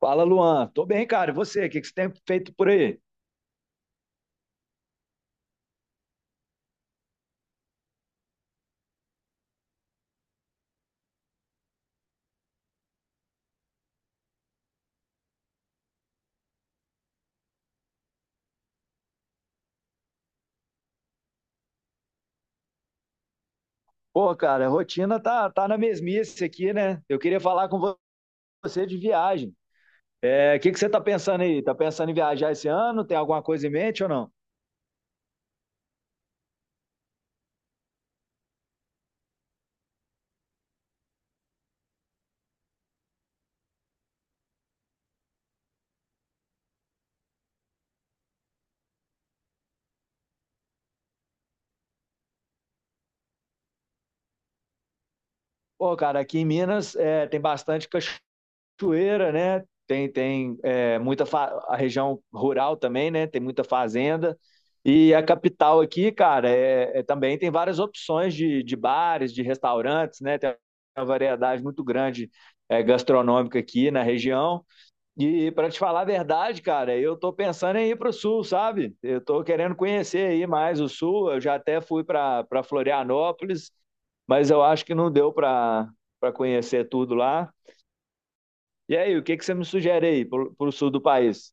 Fala, Luan. Tô bem, cara. E você? O que que você tem feito por aí? Pô, cara, a rotina tá na mesmice aqui, né? Eu queria falar com você de viagem. É, o que que você tá pensando aí? Tá pensando em viajar esse ano? Tem alguma coisa em mente ou não? Pô, cara, aqui em Minas é, tem bastante cachoeira, né? Tem é, muita a região rural também, né? Tem muita fazenda. E a capital aqui, cara, também tem várias opções de bares, de restaurantes, né? Tem uma variedade muito grande é, gastronômica aqui na região. E para te falar a verdade, cara, eu tô pensando em ir para o sul, sabe? Eu tô querendo conhecer aí mais o sul. Eu já até fui para Florianópolis, mas eu acho que não deu para conhecer tudo lá. E aí, o que que você me sugere aí pro, pro sul do país?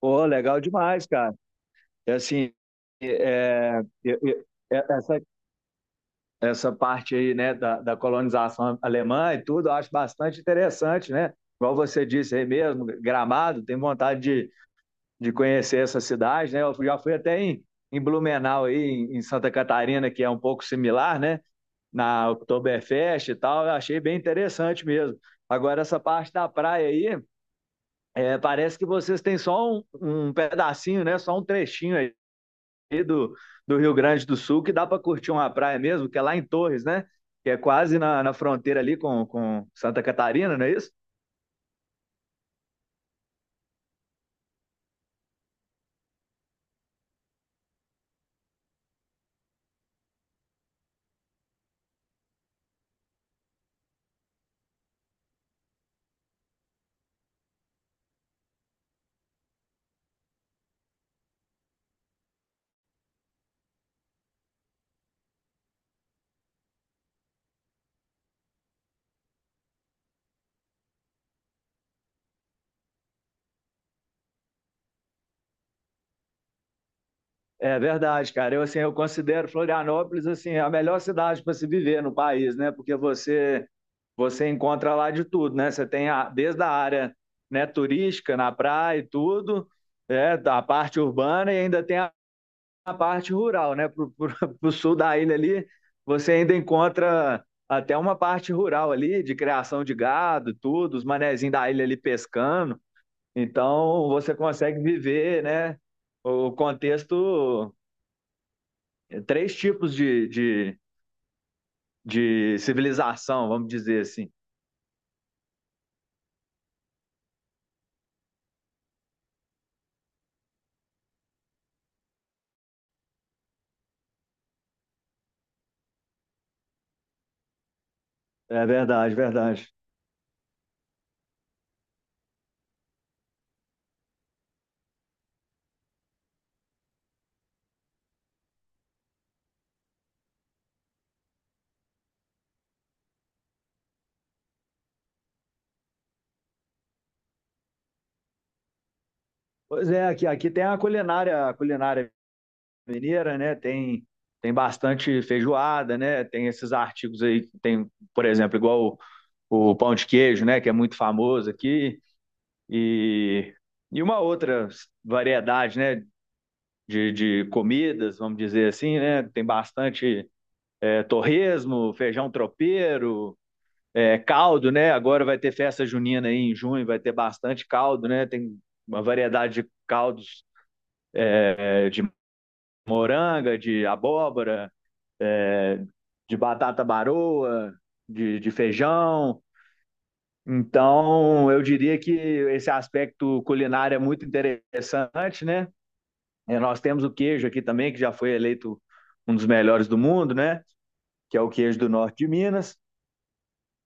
Pô, legal demais, cara. É assim, é, essa, essa parte aí, né, da, da colonização alemã e tudo, eu acho bastante interessante, né? Igual você disse aí mesmo, Gramado, tem vontade de conhecer essa cidade, né? Eu já fui até em, em Blumenau aí, em, em Santa Catarina, que é um pouco similar, né? Na Oktoberfest e tal, eu achei bem interessante mesmo. Agora, essa parte da praia aí. É, parece que vocês têm só um, um pedacinho, né? Só um trechinho aí do, do Rio Grande do Sul que dá para curtir uma praia mesmo, que é lá em Torres, né? Que é quase na, na fronteira ali com Santa Catarina, não é isso? É verdade, cara. Eu assim, eu considero Florianópolis assim a melhor cidade para se viver no país, né? Porque você encontra lá de tudo, né? Você tem a, desde a área, né, turística na praia e tudo, é, a parte urbana e ainda tem a parte rural, né? Pro sul da ilha ali, você ainda encontra até uma parte rural ali, de criação de gado, tudo, os manezinhos da ilha ali pescando. Então, você consegue viver, né? O contexto, três tipos de civilização, vamos dizer assim. É verdade, verdade. Pois é, aqui, aqui tem a culinária mineira, né? Tem, tem bastante feijoada, né? Tem esses artigos aí, tem, por exemplo, igual o pão de queijo, né, que é muito famoso aqui, e, e uma outra variedade, né, de comidas, vamos dizer assim, né, tem bastante é, torresmo, feijão tropeiro, é, caldo, né, agora vai ter festa junina aí em junho, vai ter bastante caldo, né, tem uma variedade de caldos é, de moranga, de abóbora, de batata baroa, de feijão. Então, eu diria que esse aspecto culinário é muito interessante, né? E nós temos o queijo aqui também, que já foi eleito um dos melhores do mundo, né? Que é o queijo do norte de Minas.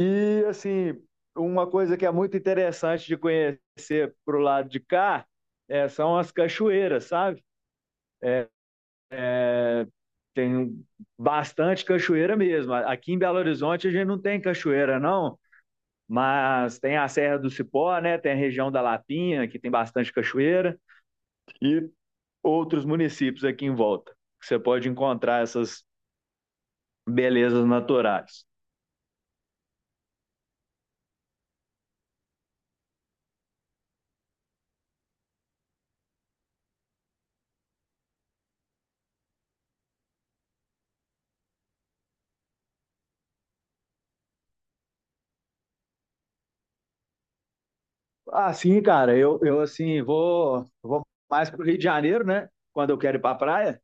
E, assim, uma coisa que é muito interessante de conhecer pro lado de cá é, são as cachoeiras, sabe? É, tem bastante cachoeira mesmo. Aqui em Belo Horizonte a gente não tem cachoeira, não, mas tem a Serra do Cipó, né? Tem a região da Lapinha, que tem bastante cachoeira. E outros municípios aqui em volta, que você pode encontrar essas belezas naturais. Ah, sim, cara, eu assim, vou, vou mais para o Rio de Janeiro, né? Quando eu quero ir para a praia.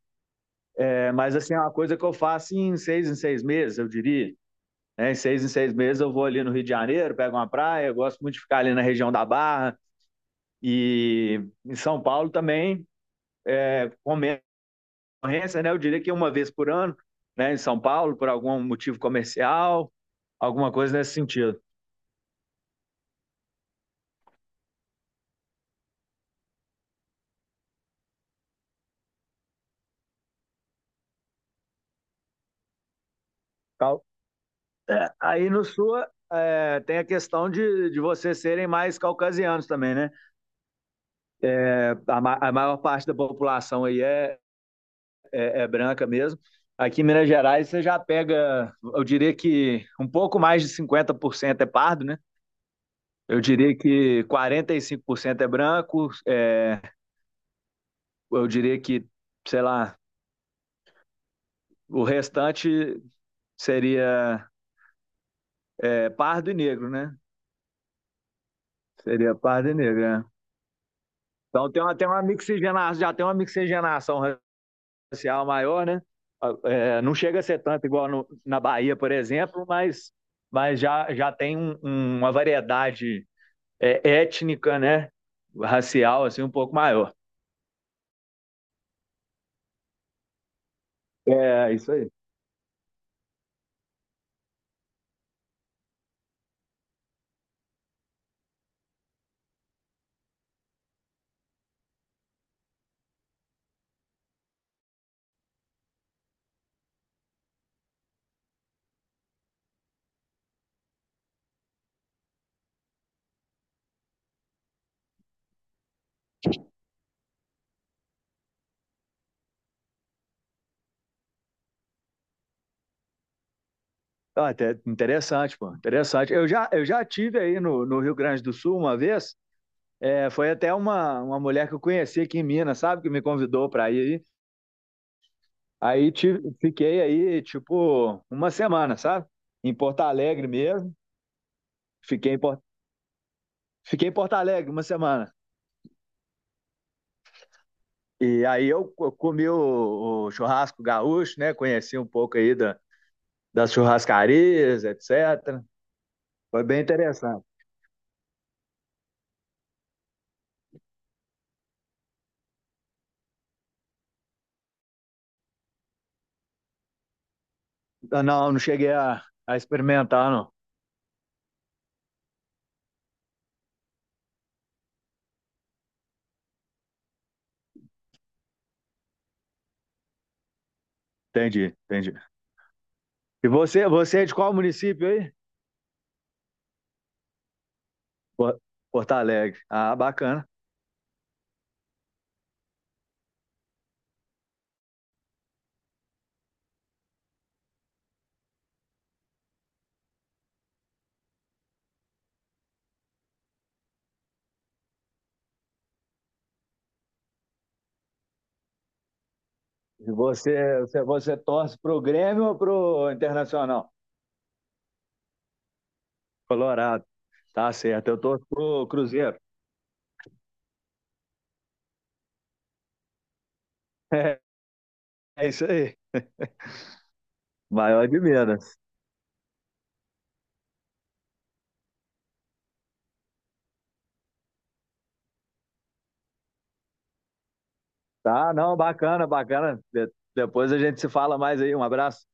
É, mas, assim, é uma coisa que eu faço em seis meses, eu diria. Né? Em seis meses eu vou ali no Rio de Janeiro, pego uma praia, eu gosto muito de ficar ali na região da Barra. E em São Paulo também, com menos ocorrência, né? Eu diria que uma vez por ano, né? Em São Paulo, por algum motivo comercial, alguma coisa nesse sentido. Cal- é, aí no sul é, tem a questão de vocês serem mais caucasianos também, né? É, a, a maior parte da população aí é, é branca mesmo. Aqui em Minas Gerais você já pega, eu diria que um pouco mais de 50% é pardo, né? Eu diria que 45% é branco, é, eu diria que, sei lá, o restante seria é, pardo e negro, né? Seria pardo e negro, né? Então tem uma mixigenação, já tem uma mixigenação social maior, né? É, não chega a ser tanto igual no, na Bahia, por exemplo, mas já, já tem um, um, uma variedade é, étnica, né? Racial, assim, um pouco maior. É, isso aí. Ah, até interessante, pô, interessante. Eu já tive aí no, no Rio Grande do Sul uma vez, é, foi até uma mulher que eu conheci aqui em Minas, sabe? Que me convidou para ir aí. Aí tive, fiquei aí, tipo, uma semana, sabe? Em Porto Alegre mesmo. Fiquei em Porto Fiquei em Porto Alegre uma semana. E aí eu, comi o churrasco gaúcho, né? Conheci um pouco aí da, das churrascarias, etc. Foi bem interessante. Ah, não, não cheguei a experimentar, não. Entendi, entendi. E você, você é de qual município aí? Por- Porto Alegre. Ah, bacana. E você, você, você torce pro Grêmio ou pro Internacional? Colorado. Tá certo. Eu torço pro Cruzeiro. É, isso aí. Maior de Minas. Tá, não, bacana, bacana. Depois a gente se fala mais aí. Um abraço.